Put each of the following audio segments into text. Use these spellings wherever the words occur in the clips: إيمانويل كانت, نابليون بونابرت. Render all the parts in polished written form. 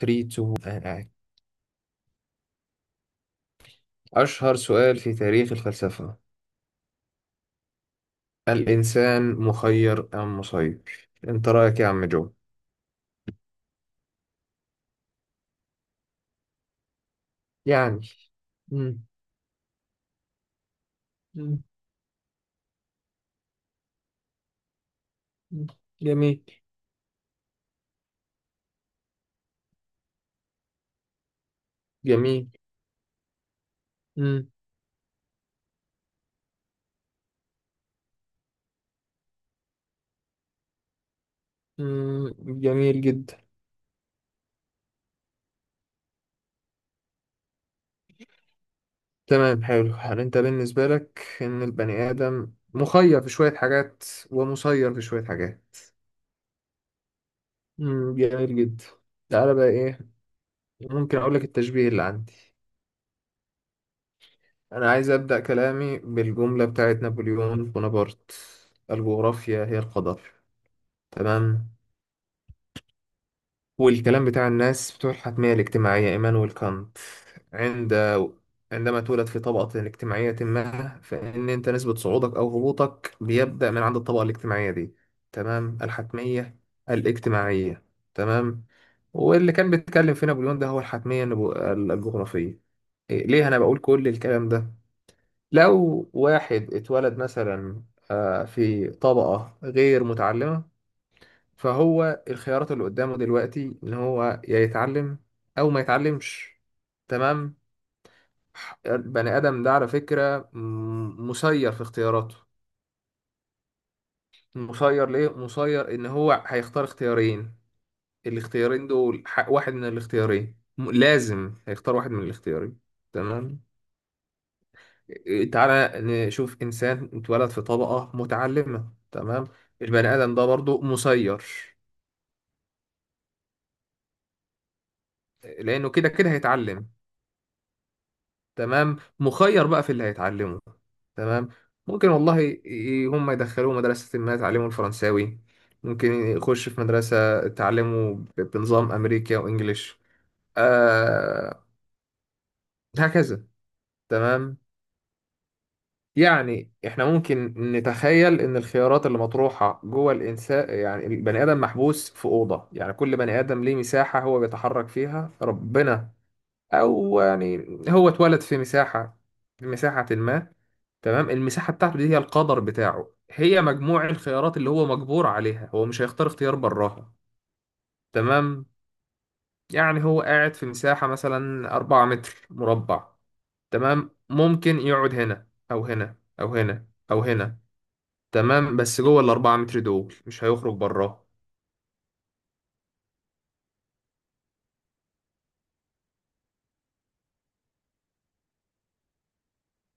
3 2 1. أشهر سؤال في تاريخ الفلسفة: الإنسان مخير أم مسير؟ أنت رأيك إيه يا عم جو؟ يعني. مم. مم. مم. جميل. جميل. مم. مم. جميل جدا. تمام. حلو. هل أنت بالنسبة لك إن البني آدم مخير في شوية حاجات ومسير في شوية حاجات؟ مم. جميل جدا. تعالى بقى إيه، ممكن أقول لك التشبيه اللي عندي. أنا عايز أبدأ كلامي بالجملة بتاعت نابليون بونابرت: الجغرافيا هي القدر. تمام. والكلام بتاع الناس بتوع الحتمية الاجتماعية، إيمانويل كانت، عند عندما تولد في طبقة اجتماعية ما فإن أنت نسبة صعودك أو هبوطك بيبدأ من عند الطبقة الاجتماعية دي. تمام. الحتمية الاجتماعية. تمام. واللي كان بيتكلم في نابليون ده هو الحتمية الجغرافية. إيه، ليه أنا بقول كل الكلام ده؟ لو واحد اتولد مثلا في طبقة غير متعلمة، فهو الخيارات اللي قدامه دلوقتي إن هو يا يتعلم أو ما يتعلمش. تمام. البني آدم ده على فكرة مسير في اختياراته. مسير ليه؟ مسير إن هو هيختار اختيارين. الاختيارين دول، واحد من الاختيارين لازم هيختار واحد من الاختيارين. تمام. تعالى نشوف إنسان اتولد في طبقة متعلمة. تمام. البني آدم ده برضو مسير. لأنه كده كده هيتعلم. تمام. مخير بقى في اللي هيتعلمه. تمام. ممكن والله هم يدخلوه مدرسة ما يتعلموا الفرنساوي. ممكن يخش في مدرسة تعلمه بنظام أمريكا وإنجليش. آه. هكذا. تمام. يعني احنا ممكن نتخيل ان الخيارات اللي مطروحة جوه الانسان، يعني البني ادم محبوس في اوضة، يعني كل بني ادم ليه مساحة هو بيتحرك فيها ربنا، او يعني هو اتولد في مساحة ما. تمام. المساحة بتاعته دي هي القدر بتاعه، هي مجموع الخيارات اللي هو مجبور عليها، هو مش هيختار اختيار براها. تمام. يعني هو قاعد في مساحة مثلا 4 متر مربع. تمام. ممكن يقعد هنا او هنا او هنا او هنا. تمام. بس جوه الأربعة متر دول مش هيخرج براها.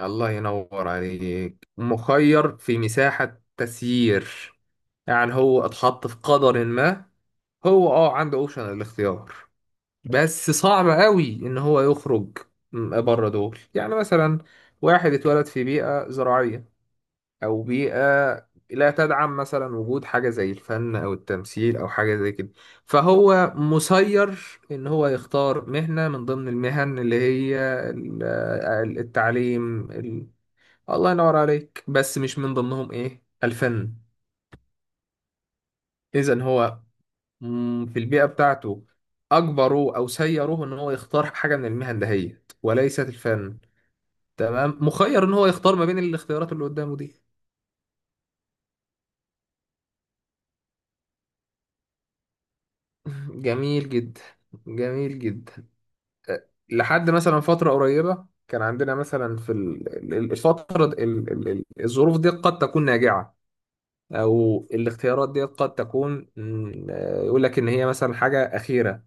الله ينور عليك. مخير في مساحة تسيير. يعني هو اتحط في قدر ما، هو عنده اوبشن الاختيار، بس صعب قوي ان هو يخرج بره دول. يعني مثلا واحد اتولد في بيئة زراعية او بيئه لا تدعم مثلا وجود حاجه زي الفن او التمثيل او حاجه زي كده. فهو مسير ان هو يختار مهنه من ضمن المهن اللي هي التعليم الله ينور عليك، بس مش من ضمنهم ايه الفن. اذا هو في البيئه بتاعته اجبروه او سيروه ان هو يختار حاجه من المهن دهيت وليست الفن. تمام. مخير ان هو يختار ما بين الاختيارات اللي قدامه دي. جميل جدا. جميل جدا. لحد مثلا فترة قريبة كان عندنا مثلا في ال- ال- ال- الفترة د- ال- ال- ال- الظروف دي قد تكون ناجعة. أو الاختيارات دي قد تكون يقول لك إن هي مثلا حاجة أخيرة.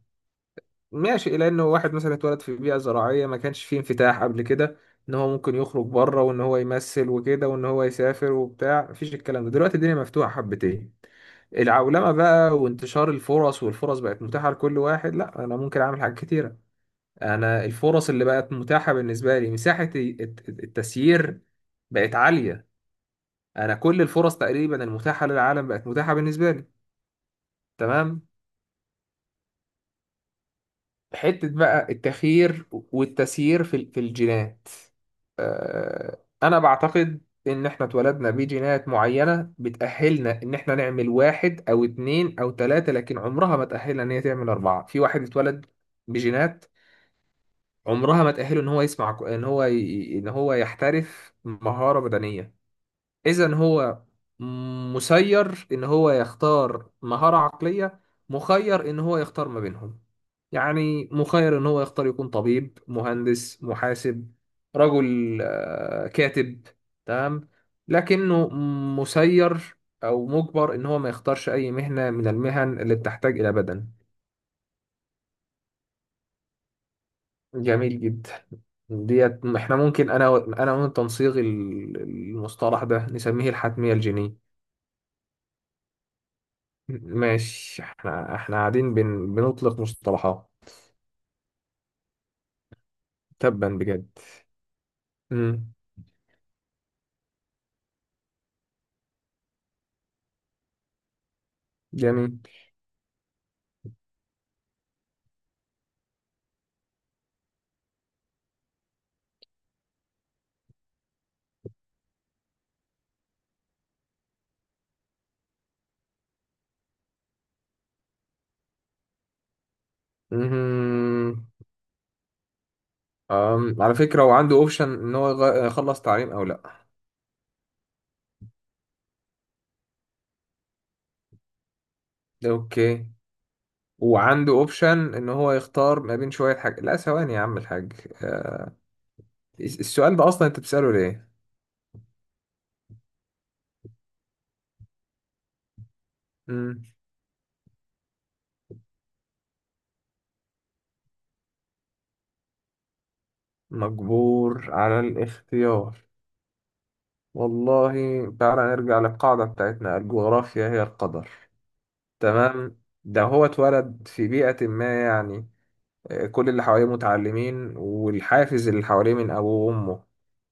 ماشي. إلى إن واحد مثلا اتولد في بيئة زراعية ما كانش فيه انفتاح قبل كده إن هو ممكن يخرج بره وإن هو يمثل وكده وإن هو يسافر وبتاع، مفيش الكلام ده. دلوقتي الدنيا مفتوحة حبتين، العولمة بقى وانتشار الفرص، والفرص بقت متاحة لكل واحد. لا، أنا ممكن أعمل حاجات كتيرة. انا الفرص اللي بقت متاحه بالنسبه لي، مساحه التسيير بقت عاليه. انا كل الفرص تقريبا المتاحه للعالم بقت متاحه بالنسبه لي. تمام. حته بقى التخيير والتسيير في في الجينات. انا بعتقد ان احنا اتولدنا بجينات معينه بتاهلنا ان احنا نعمل واحد او اتنين او تلاته، لكن عمرها ما تاهلنا ان هي تعمل اربعه. في واحد اتولد بجينات عمرها ما تأهله ان هو يسمع ك- ان هو ي... ان هو يحترف مهارة بدنية. اذا هو مسير ان هو يختار مهارة عقلية، مخير ان هو يختار ما بينهم. يعني مخير ان هو يختار يكون طبيب، مهندس، محاسب، رجل، كاتب. تمام. لكنه مسير او مجبر ان هو ما يختارش اي مهنة من المهن اللي بتحتاج الى بدن. جميل جدا. ديت احنا ممكن انا وانت نصيغ المصطلح ده، نسميه الحتمية الجينية. ماشي. احنا قاعدين بنطلق مصطلحات. تبا بجد. امم جميل. امم على فكرة هو عنده اوبشن ان هو يخلص تعليم او لا. اوكي. وعنده اوبشن ان هو يختار ما بين شوية حاجة. لا، ثواني يا عم الحاج. آه، السؤال ده اصلا انت بتسأله ليه؟ امم مجبور على الاختيار. والله، تعالى نرجع للقاعدة بتاعتنا: الجغرافيا هي القدر. تمام. ده هو اتولد في بيئة ما، يعني كل اللي حواليه متعلمين، والحافز اللي حواليه من أبوه وأمه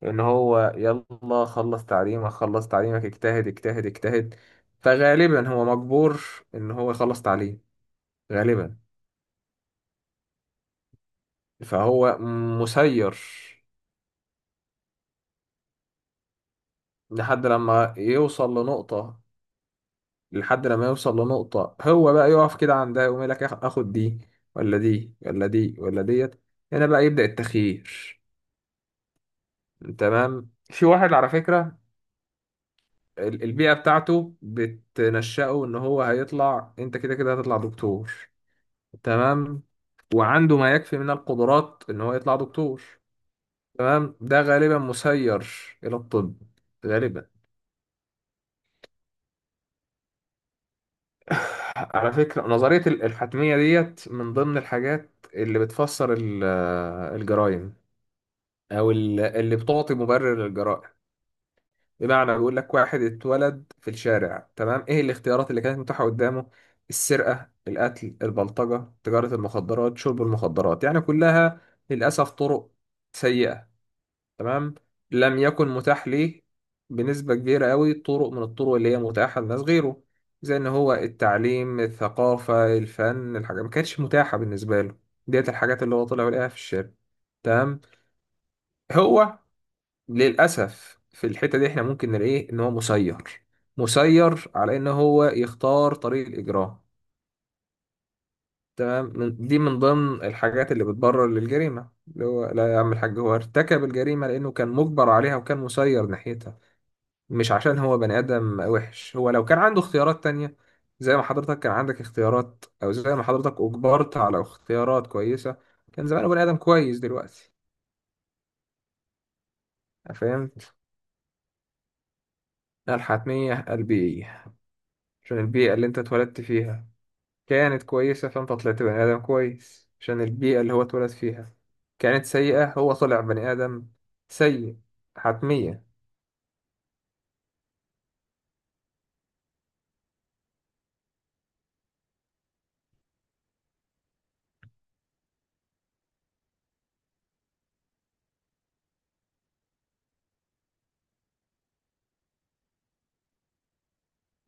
إن هو يلا خلص تعليمك خلص تعليمك اجتهد اجتهد اجتهد، فغالبا هو مجبور إن هو يخلص تعليم. غالبا. فهو مسير لحد لما يوصل لنقطة لحد لما يوصل لنقطة. هو بقى يقف كده عندها، يقوم يقول لك آخد دي ولا دي ولا دي ولا ديت. هنا بقى يبدأ التخيير. تمام. في واحد على فكرة البيئة بتاعته بتنشأه إن هو هيطلع، أنت كده كده هتطلع دكتور. تمام. وعنده ما يكفي من القدرات إن هو يطلع دكتور. تمام. ده غالبا مسير إلى الطب. غالبا. على فكرة نظرية الحتمية ديت من ضمن الحاجات اللي بتفسر الجرائم، أو اللي بتعطي مبرر للجرائم. بمعنى بيقول لك واحد اتولد في الشارع. تمام. إيه الاختيارات اللي كانت متاحة قدامه؟ السرقة، القتل، البلطجة، تجارة المخدرات، شرب المخدرات، يعني كلها للأسف طرق سيئة. تمام. لم يكن متاح ليه بنسبة كبيرة قوي طرق من الطرق اللي هي متاحة لناس غيره، زي ان هو التعليم، الثقافة، الفن. الحاجات ما كانتش متاحة بالنسبة له. ديت الحاجات اللي هو طلع ولقاها في الشارع. تمام. هو للأسف في الحتة دي احنا ممكن نلاقيه ان هو مسير. مسير على ان هو يختار طريق الإجرام. تمام. دي من ضمن الحاجات اللي بتبرر للجريمة، اللي هو لا يا عم الحاج، هو ارتكب الجريمة لأنه كان مجبر عليها وكان مسير ناحيتها. مش عشان هو بني آدم وحش. هو لو كان عنده اختيارات تانية زي ما حضرتك كان عندك اختيارات، أو زي ما حضرتك أجبرت على اختيارات كويسة، كان زمانه بني آدم كويس دلوقتي. فهمت. الحتمية البيئية. عشان البيئة اللي أنت اتولدت فيها كانت كويسة فأنت طلعت بني آدم كويس. عشان البيئة اللي هو اتولد فيها كانت سيئة، هو طلع بني آدم سيء. حتمية.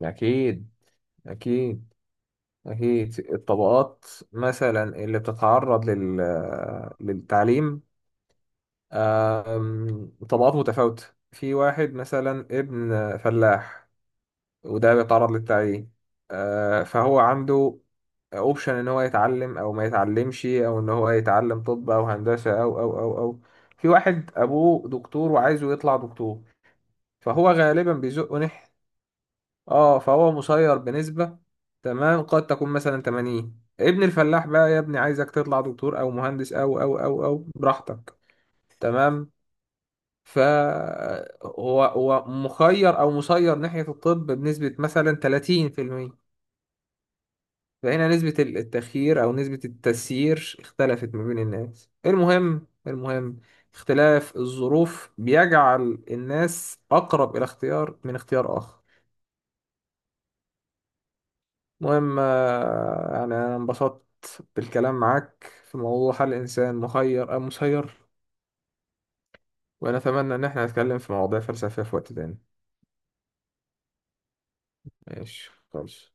أكيد. أكيد. أكيد. الطبقات مثلا اللي بتتعرض للتعليم طبقات متفاوتة. في واحد مثلا ابن فلاح، وده بيتعرض للتعليم، فهو عنده اوبشن ان هو يتعلم او ما يتعلمش، او ان هو يتعلم طب او هندسة او او او او. في واحد ابوه دكتور وعايزه يطلع دكتور، فهو غالبا بيزقه ناحية. اه فهو مسير بنسبة. تمام. قد تكون مثلا 80. ابن الفلاح بقى يا ابني عايزك تطلع دكتور او مهندس او او او او براحتك. تمام. فهو مخير او مسير ناحية الطب بنسبة مثلا 30%. فهنا نسبة التخيير او نسبة التسيير اختلفت ما بين الناس. المهم. المهم اختلاف الظروف بيجعل الناس اقرب الى اختيار من اختيار اخر. المهم يعني أنا انبسطت بالكلام معاك في موضوع هل الإنسان مخير أم مسير. ونتمنى إن احنا نتكلم في مواضيع فلسفية في وقت تاني. ماشي، خلاص.